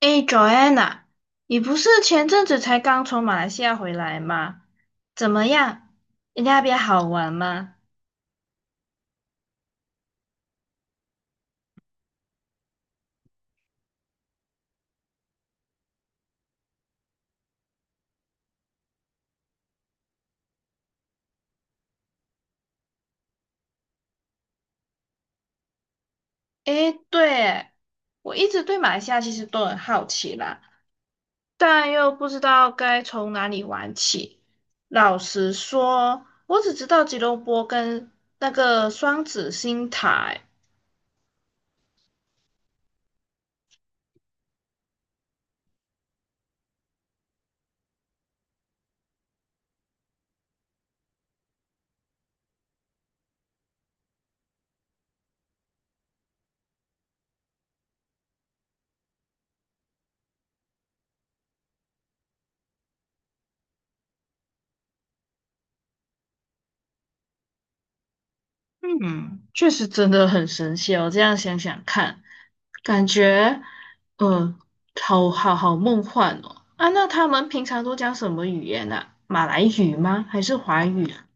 诶 Joanna, 你不是前阵子才刚从马来西亚回来吗？怎么样？你那边好玩吗？诶，对，我一直对马来西亚其实都很好奇啦，但又不知道该从哪里玩起。老实说，我只知道吉隆坡跟那个双子星塔。嗯，确实真的很神奇哦。这样想想看，感觉，呃，好梦幻哦。啊，那他们平常都讲什么语言呢、啊马来语吗？还是华语啊？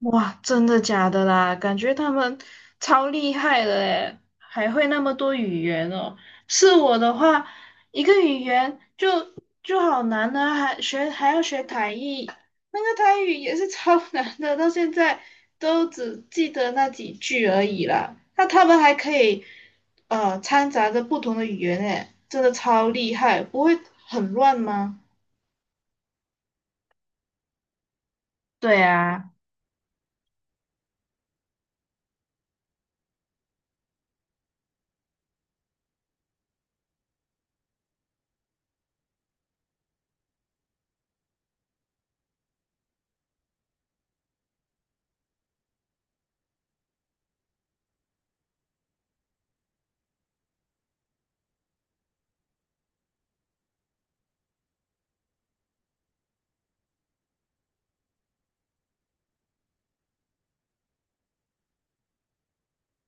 哇，真的假的啦？感觉他们超厉害的诶，还会那么多语言哦。是我的话，一个语言就好难呢，还要学台语，那个台语也是超 难的，到现在都只记得那几句而已啦。那他们还可以掺杂着不同的语言诶，真的超厉害，不会很乱吗？对啊。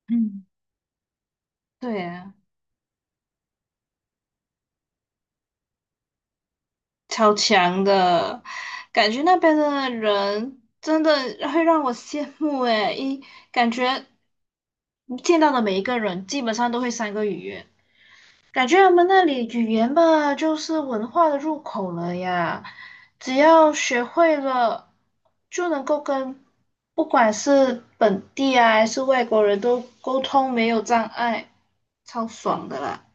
嗯，对啊。超强的，感觉那边的人真的会让我羡慕诶，一感觉你见到的每一个人基本上都会3个语言，感觉他们那里语言吧就是文化的入口了呀，只要学会了就能够跟不管是本地啊还是外国人都沟通没有障碍，超爽的啦。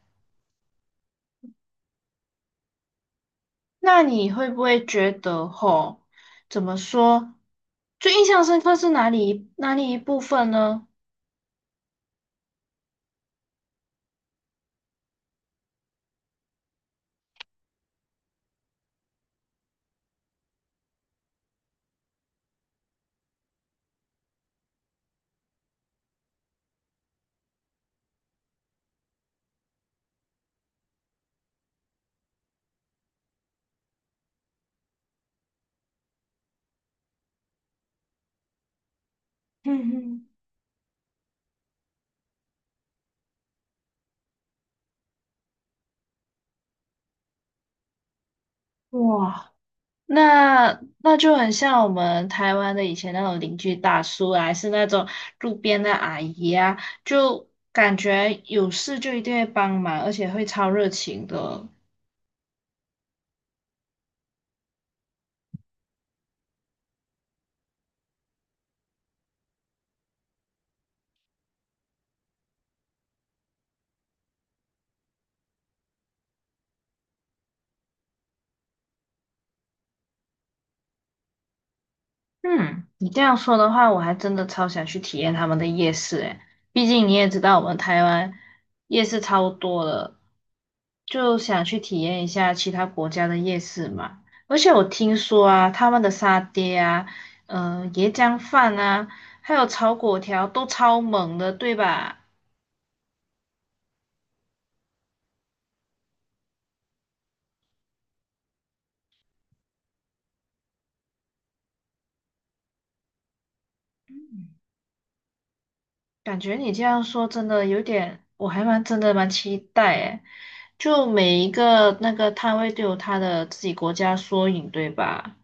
那你会不会觉得吼，怎么说，最印象深刻是哪里一部分呢？嗯哼，哇，那那就很像我们台湾的以前那种邻居大叔啊，还是那种路边的阿姨啊，就感觉有事就一定会帮忙，而且会超热情的。嗯，你这样说的话，我还真的超想去体验他们的夜市诶，毕竟你也知道我们台湾夜市超多的，就想去体验一下其他国家的夜市嘛。而且我听说啊，他们的沙爹啊，嗯，椰浆饭啊，还有炒粿条都超猛的，对吧？嗯，感觉你这样说真的有点，我真的蛮期待诶，就每一个那个摊位都有他的自己国家缩影，对吧？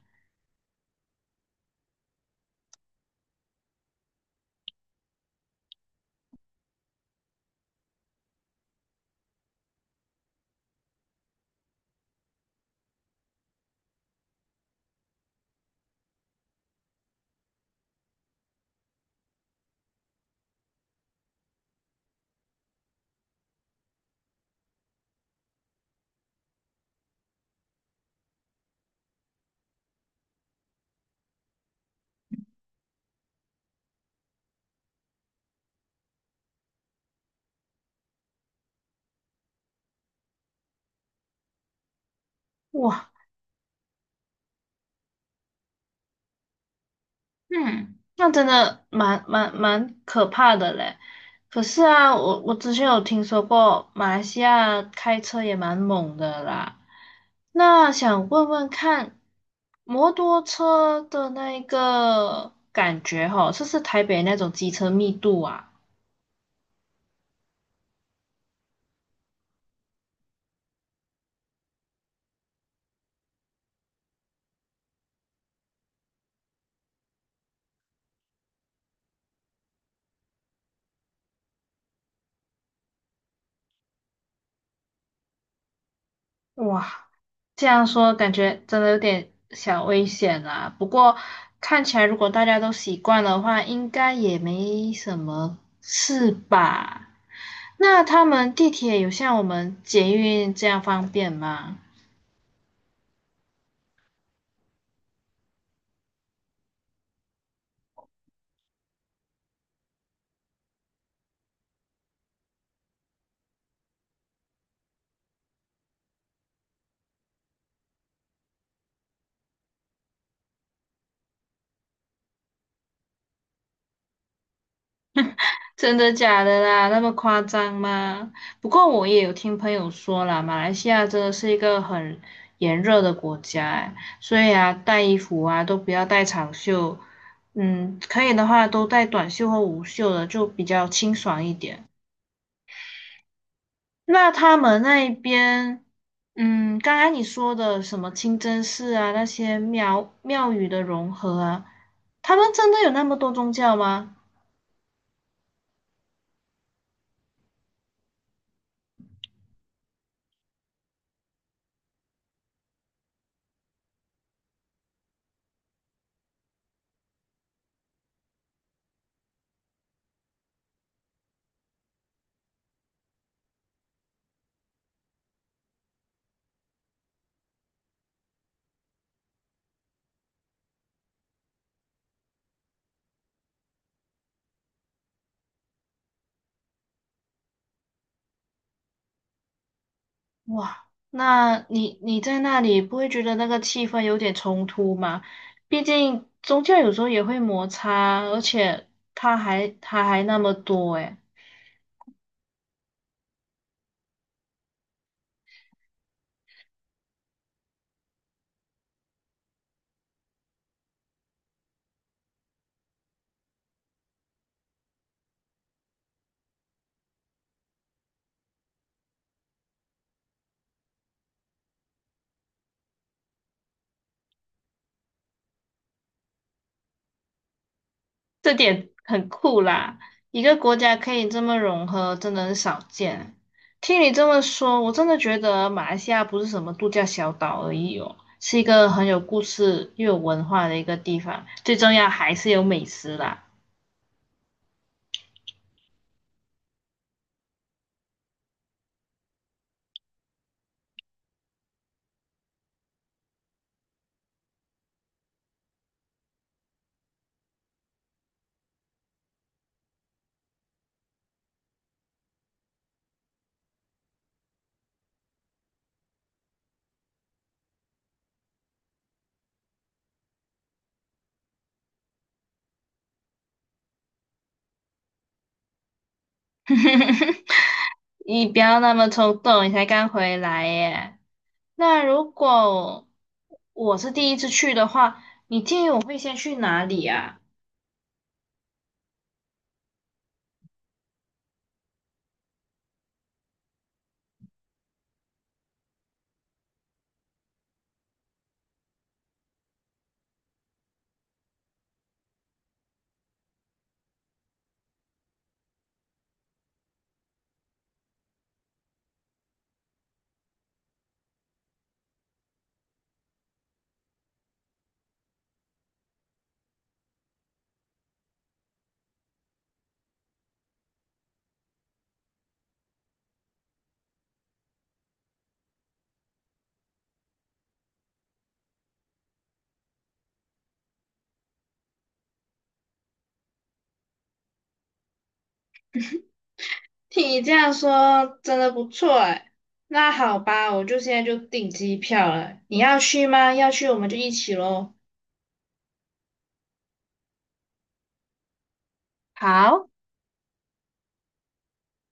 哇。嗯，那真的蛮可怕的嘞。可是啊，我之前有听说过马来西亚开车也蛮猛的啦。那想问问看，摩托车的那一个感觉吼，是不是台北那种机车密度啊？哇，这样说感觉真的有点小危险啦。不过看起来如果大家都习惯的话，应该也没什么事吧。那他们地铁有像我们捷运这样方便吗？真的假的啦？那么夸张吗？不过我也有听朋友说啦，马来西亚真的是一个很炎热的国家，哎，所以啊，带衣服啊都不要带长袖，嗯，可以的话都带短袖或无袖的，就比较清爽一点。那他们那一边，嗯，刚才你说的什么清真寺啊，那些庙宇的融合啊，他们真的有那么多宗教吗？哇，那你在那里不会觉得那个气氛有点冲突吗？毕竟宗教有时候也会摩擦，而且他还那么多诶。这点很酷啦！一个国家可以这么融合，真的很少见。听你这么说，我真的觉得马来西亚不是什么度假小岛而已哦，是一个很有故事又有文化的一个地方。最重要还是有美食啦。你不要那么冲动，你才刚回来耶。那如果我是第一次去的话，你建议我会先去哪里啊？听你这样说，真的不错哎。那好吧，我就现在就订机票了。你要去吗？要去我们就一起喽。好。